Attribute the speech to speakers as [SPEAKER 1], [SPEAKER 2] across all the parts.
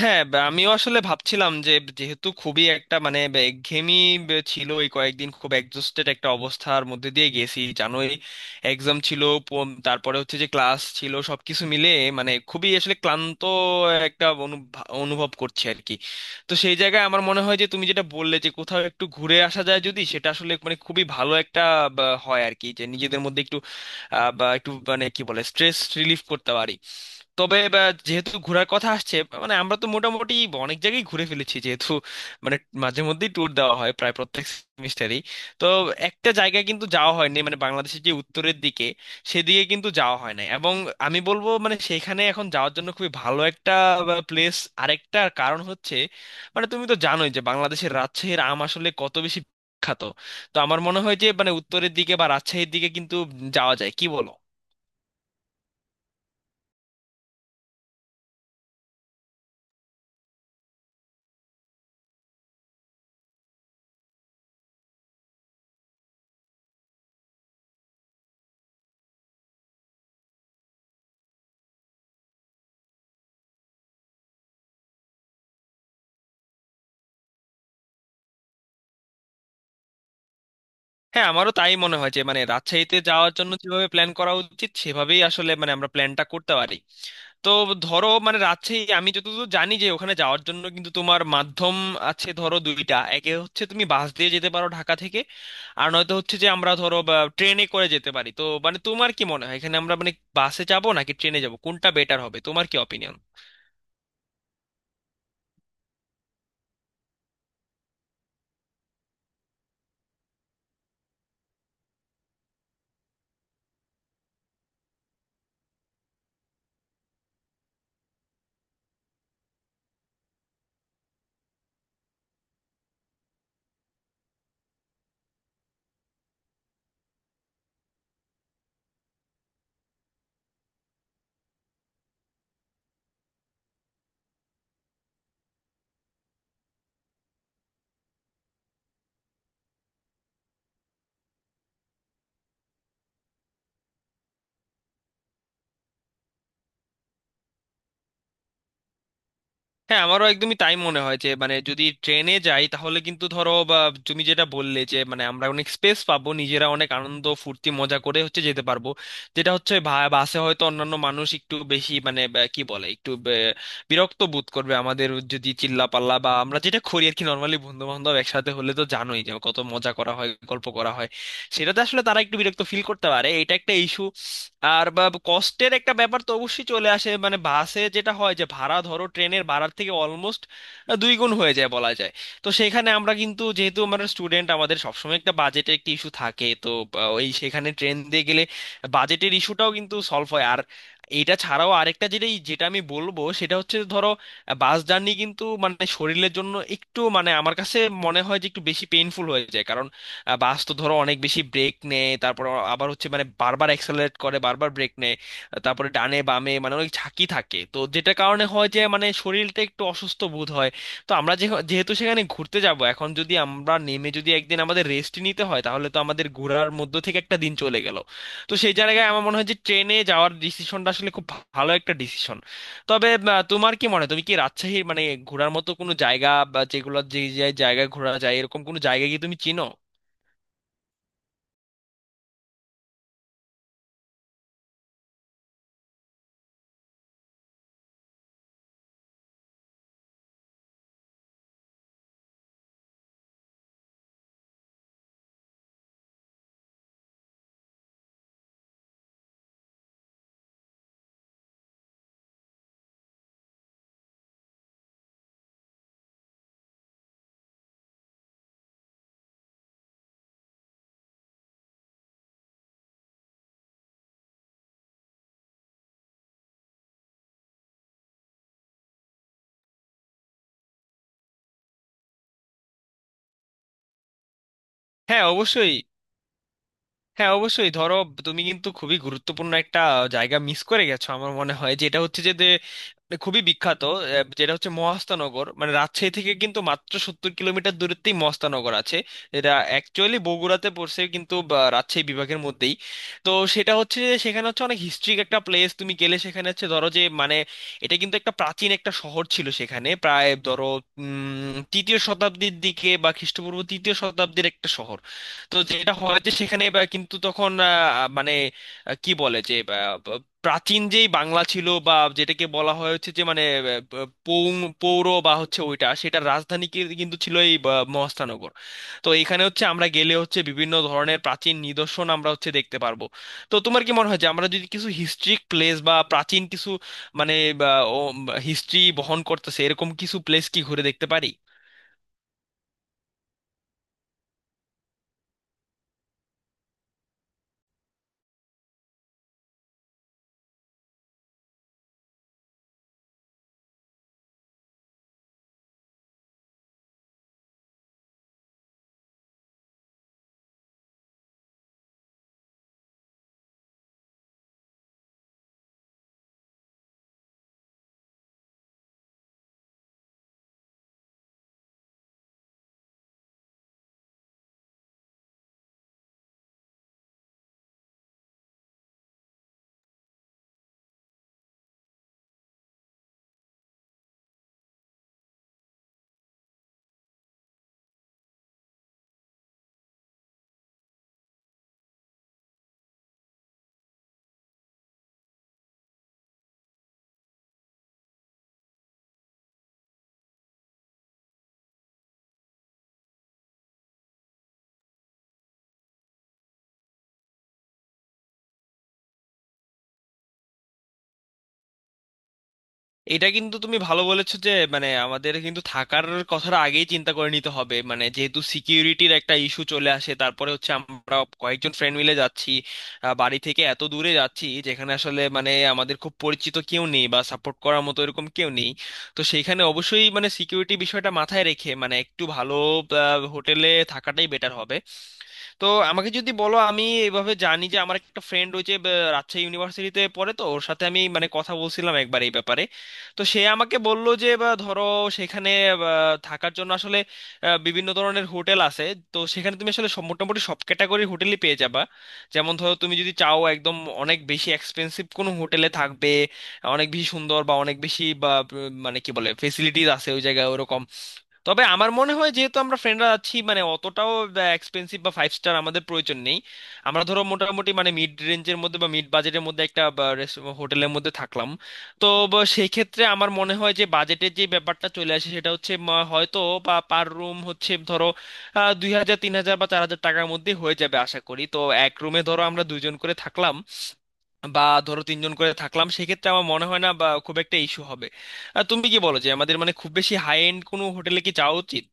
[SPEAKER 1] হ্যাঁ বা আমিও আসলে ভাবছিলাম যে যেহেতু খুবই একটা মানে একঘেয়েমি ছিল, এই কয়েকদিন খুব এক্সস্টেড একটা অবস্থার মধ্যে দিয়ে গেছি জানোই। এক্সাম ছিল, তারপরে হচ্ছে যে ক্লাস ছিল, সবকিছু মিলে মানে খুবই আসলে ক্লান্ত একটা অনুভব করছি আর কি। তো সেই জায়গায় আমার মনে হয় যে তুমি যেটা বললে যে কোথাও একটু ঘুরে আসা যায় যদি, সেটা আসলে মানে খুবই ভালো একটা হয় আর কি, যে নিজেদের মধ্যে একটু বা একটু মানে কি বলে স্ট্রেস রিলিফ করতে পারি। তবে যেহেতু ঘোরার কথা আসছে, মানে আমরা তো মোটামুটি অনেক জায়গায় ঘুরে ফেলেছি, যেহেতু মানে মাঝে মধ্যেই ট্যুর দেওয়া হয় প্রায় প্রত্যেক সেমিস্টারই। তো একটা জায়গায় কিন্তু যাওয়া হয়নি, মানে বাংলাদেশের যে উত্তরের দিকে সেদিকে কিন্তু যাওয়া হয় না। এবং আমি বলবো মানে সেখানে এখন যাওয়ার জন্য খুবই ভালো একটা প্লেস। আরেকটা কারণ হচ্ছে মানে তুমি তো জানোই যে বাংলাদেশের রাজশাহীর আম আসলে কত বেশি বিখ্যাত। তো আমার মনে হয় যে মানে উত্তরের দিকে বা রাজশাহীর দিকে কিন্তু যাওয়া যায়, কি বলো? হ্যাঁ আমারও তাই মনে হয় যে মানে রাজশাহীতে যাওয়ার জন্য যেভাবে প্ল্যান করা উচিত সেভাবেই আসলে মানে আমরা প্ল্যানটা করতে পারি। তো ধরো মানে রাজশাহী আমি যতদূর জানি যে ওখানে যাওয়ার জন্য কিন্তু তোমার মাধ্যম আছে, ধরো দুইটা। একে হচ্ছে তুমি বাস দিয়ে যেতে পারো ঢাকা থেকে, আর নয়তো হচ্ছে যে আমরা ধরো ট্রেনে করে যেতে পারি। তো মানে তোমার কি মনে হয় এখানে আমরা মানে বাসে যাবো নাকি ট্রেনে যাবো, কোনটা বেটার হবে, তোমার কি অপিনিয়ন? হ্যাঁ আমারও একদমই তাই মনে হয় যে মানে যদি ট্রেনে যাই তাহলে কিন্তু ধরো বা তুমি যেটা বললে যে মানে আমরা অনেক স্পেস পাবো, নিজেরা অনেক আনন্দ ফুর্তি মজা করে হচ্ছে যেতে পারবো। যেটা হচ্ছে বাসে হয়তো অন্যান্য মানুষ একটু বেশি মানে বা কি বলে একটু বিরক্ত বোধ করবে আমাদের যদি চিল্লাপাল্লা বা আমরা যেটা করি আর কি, নর্মালি বন্ধু বান্ধব একসাথে হলে তো জানোই যে কত মজা করা হয়, গল্প করা হয়। সেটাতে আসলে তারা একটু বিরক্ত ফিল করতে পারে, এটা একটা ইস্যু। আর বা কস্টের একটা ব্যাপার তো অবশ্যই চলে আসে, মানে বাসে যেটা হয় যে ভাড়া ধরো ট্রেনের ভাড়ার থেকে অলমোস্ট দুই গুণ হয়ে যায় বলা যায়। তো সেখানে আমরা কিন্তু যেহেতু আমরা স্টুডেন্ট আমাদের সবসময় একটা বাজেটের একটা ইস্যু থাকে, তো ওই সেখানে ট্রেন দিয়ে গেলে বাজেটের ইস্যুটাও কিন্তু সলভ হয়। আর এটা ছাড়াও আরেকটা যেটা যেটা আমি বলবো সেটা হচ্ছে ধরো বাস জার্নি কিন্তু মানে শরীরের জন্য একটু মানে আমার কাছে মনে হয় যে একটু বেশি পেইনফুল হয়ে যায়, কারণ বাস তো ধরো অনেক বেশি ব্রেক নেয়, তারপর আবার হচ্ছে মানে বারবার অ্যাক্সেলারেট করে বারবার ব্রেক নেয়, তারপরে ডানে বামে মানে অনেক ঝাঁকি থাকে, তো যেটার কারণে হয় যে মানে শরীরটা একটু অসুস্থ বোধ হয়। তো আমরা যে যেহেতু সেখানে ঘুরতে যাব, এখন যদি আমরা নেমে যদি একদিন আমাদের রেস্ট নিতে হয় তাহলে তো আমাদের ঘোরার মধ্য থেকে একটা দিন চলে গেল। তো সেই জায়গায় আমার মনে হয় যে ট্রেনে যাওয়ার ডিসিশনটা আসলে খুব ভালো একটা ডিসিশন। তবে তোমার কি মনে হয় তুমি কি রাজশাহীর মানে ঘোরার মতো কোনো জায়গা, বা যেগুলো যে যে জায়গায় ঘোরা যায় এরকম কোনো জায়গা কি তুমি চিনো? হ্যাঁ অবশ্যই। হ্যাঁ অবশ্যই ধরো, তুমি কিন্তু খুবই গুরুত্বপূর্ণ একটা জায়গা মিস করে গেছো আমার মনে হয়, যেটা হচ্ছে যে যে মানে খুবই বিখ্যাত যেটা হচ্ছে মহাস্থানগর। মানে রাজশাহী থেকে কিন্তু মাত্র 70 কিলোমিটার দূরত্বেই মহাস্থানগর আছে। এটা অ্যাকচুয়ালি বগুড়াতে পড়ছে কিন্তু রাজশাহী বিভাগের মধ্যেই। তো সেটা হচ্ছে যে সেখানে হচ্ছে অনেক হিস্ট্রিক একটা প্লেস, তুমি গেলে সেখানে হচ্ছে ধরো যে মানে এটা কিন্তু একটা প্রাচীন একটা শহর ছিল। সেখানে প্রায় ধরো তৃতীয় শতাব্দীর দিকে বা খ্রিস্টপূর্ব তৃতীয় শতাব্দীর একটা শহর। তো যেটা হয় যে সেখানে বা কিন্তু তখন মানে কি বলে যে প্রাচীন যেই বাংলা ছিল, বা যেটাকে বলা হয় হচ্ছে যে মানে আহ, প- পৌং পৌর বা হচ্ছে ওইটা, সেটার রাজধানী কিন্তু ছিল এই মহাস্থানগর। তো এখানে হচ্ছে আমরা গেলে হচ্ছে বিভিন্ন ধরনের প্রাচীন নিদর্শন আমরা হচ্ছে দেখতে পারবো। তো তোমার কি মনে হয় যে আমরা যদি কিছু হিস্ট্রিক প্লেস বা প্রাচীন কিছু মানে হিস্ট্রি বহন করতেছে এরকম কিছু প্লেস কি ঘুরে দেখতে পারি? এটা কিন্তু তুমি ভালো বলেছো যে মানে আমাদের কিন্তু থাকার কথাটা আগেই চিন্তা করে নিতে হবে, মানে যেহেতু সিকিউরিটির একটা ইস্যু চলে আসে, তারপরে হচ্ছে আমরা কয়েকজন ফ্রেন্ড মিলে যাচ্ছি, বাড়ি থেকে এত দূরে যাচ্ছি যেখানে আসলে মানে আমাদের খুব পরিচিত কেউ নেই বা সাপোর্ট করার মতো এরকম কেউ নেই। তো সেইখানে অবশ্যই মানে সিকিউরিটি বিষয়টা মাথায় রেখে মানে একটু ভালো হোটেলে থাকাটাই বেটার হবে। তো আমাকে যদি বলো, আমি এইভাবে জানি যে আমার একটা ফ্রেন্ড রয়েছে, রাজশাহী ইউনিভার্সিটিতে পড়ে, তো ওর সাথে আমি মানে কথা বলছিলাম একবার এই ব্যাপারে। তো সে আমাকে বলল যে বা ধরো সেখানে বা, থাকার জন্য আসলে বিভিন্ন ধরনের হোটেল আছে। তো সেখানে তুমি আসলে মোটামুটি সব ক্যাটাগরির হোটেলই পেয়ে যাবা। যেমন ধরো তুমি যদি চাও একদম অনেক বেশি এক্সপেন্সিভ কোনো হোটেলে থাকবে, অনেক বেশি সুন্দর বা অনেক বেশি বা মানে কি বলে ফেসিলিটিস আছে ওই জায়গায়, ওরকম। তবে আমার মনে হয় যেহেতু আমরা ফ্রেন্ডরা আছি মানে অতটাও এক্সপেন্সিভ বা ফাইভ স্টার আমাদের প্রয়োজন নেই। আমরা ধরো মোটামুটি মানে মিড রেঞ্জের মধ্যে বা মিড বাজেটের মধ্যে একটা হোটেলের মধ্যে থাকলাম। তো সেই ক্ষেত্রে আমার মনে হয় যে বাজেটের যে ব্যাপারটা চলে আসে সেটা হচ্ছে হয়তো বা পার রুম হচ্ছে ধরো 2,000, 3,000 বা 4,000 টাকার মধ্যে হয়ে যাবে আশা করি। তো এক রুমে ধরো আমরা দুজন করে থাকলাম বা ধরো তিনজন করে থাকলাম, সেক্ষেত্রে আমার মনে হয় না বা খুব একটা ইস্যু হবে। তুমি কি বলো যে আমাদের মানে খুব বেশি হাই এন্ড কোনো হোটেলে কি যাওয়া উচিত?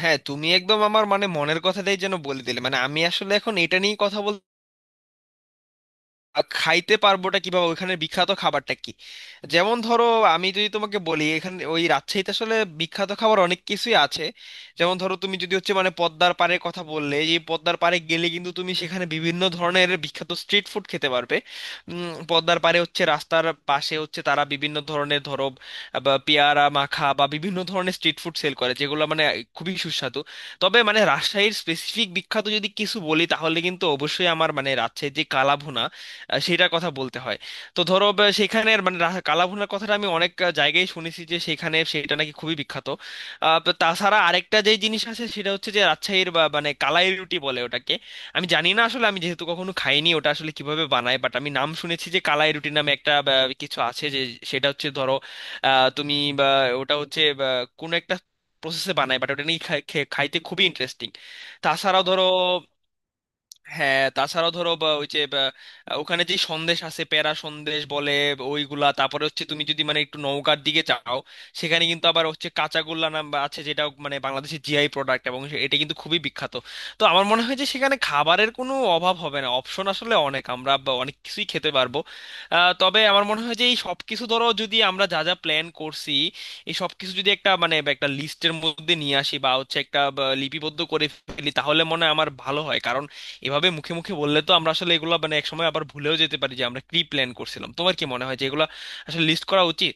[SPEAKER 1] হ্যাঁ তুমি একদম আমার মানে মনের কথাটাই যেন বলে দিলে, মানে আমি আসলে এখন এটা নিয়েই কথা বলতে খাইতে পারবোটা কিভাবে, ওইখানে বিখ্যাত খাবারটা কি। যেমন ধরো আমি যদি তোমাকে বলি এখানে ওই রাজশাহীতে আসলে বিখ্যাত খাবার অনেক কিছুই আছে। যেমন ধরো তুমি যদি হচ্ছে মানে পদ্মার পাড়ের কথা বললে, যে পদ্মার পাড়ে গেলে কিন্তু তুমি সেখানে বিভিন্ন ধরনের বিখ্যাত স্ট্রিট ফুড খেতে পারবে। পদ্মার পাড়ে হচ্ছে রাস্তার পাশে হচ্ছে তারা বিভিন্ন ধরনের ধরো বা পেয়ারা মাখা বা বিভিন্ন ধরনের স্ট্রিট ফুড সেল করে, যেগুলো মানে খুবই সুস্বাদু। তবে মানে রাজশাহীর স্পেসিফিক বিখ্যাত যদি কিছু বলি তাহলে কিন্তু অবশ্যই আমার মানে রাজশাহীর যে কালাভুনা, সেটার কথা বলতে হয়। তো ধরো সেখানের মানে কালাভুনার কথাটা আমি অনেক জায়গায় শুনেছি যে সেখানে সেটা নাকি খুবই বিখ্যাত। তো তাছাড়া আরেকটা যে জিনিস আছে সেটা হচ্ছে যে রাজশাহীর মানে কালাই রুটি বলে ওটাকে। আমি জানি না আসলে, আমি যেহেতু কখনো খাইনি ওটা আসলে কিভাবে বানায়, বাট আমি নাম শুনেছি যে কালাই রুটি নামে একটা কিছু আছে যে সেটা হচ্ছে ধরো তুমি বা ওটা হচ্ছে কোনো একটা প্রসেসে বানায়, বাট ওটা নিয়ে খাইতে খুবই ইন্টারেস্টিং। তাছাড়াও ধরো হ্যাঁ তাছাড়াও ধরো বা ওই যে ওখানে যে সন্দেশ আছে প্যারা সন্দেশ বলে ওইগুলা, তারপরে হচ্ছে তুমি যদি মানে একটু নওগাঁর দিকে যাও, সেখানে কিন্তু আবার হচ্ছে কাঁচাগোল্লা নাম বা আছে, যেটা মানে বাংলাদেশের জিআই প্রোডাক্ট, এবং এটা কিন্তু খুবই বিখ্যাত। তো আমার মনে হয় যে সেখানে খাবারের কোনো অভাব হবে না, অপশন আসলে অনেক, আমরা বা অনেক কিছুই খেতে পারবো। তবে আমার মনে হয় যে এই সব কিছু ধরো যদি আমরা যা যা প্ল্যান করছি এই সব কিছু যদি একটা মানে একটা লিস্টের মধ্যে নিয়ে আসি বা হচ্ছে একটা লিপিবদ্ধ করে ফেলি তাহলে মনে হয় আমার ভালো হয়, কারণ এভাবে মুখে মুখে বললে তো আমরা আসলে এগুলো মানে একসময় আবার ভুলেও যেতে পারি যে আমরা কি প্ল্যান করছিলাম। তোমার কি মনে হয় যে এগুলো আসলে লিস্ট করা উচিত?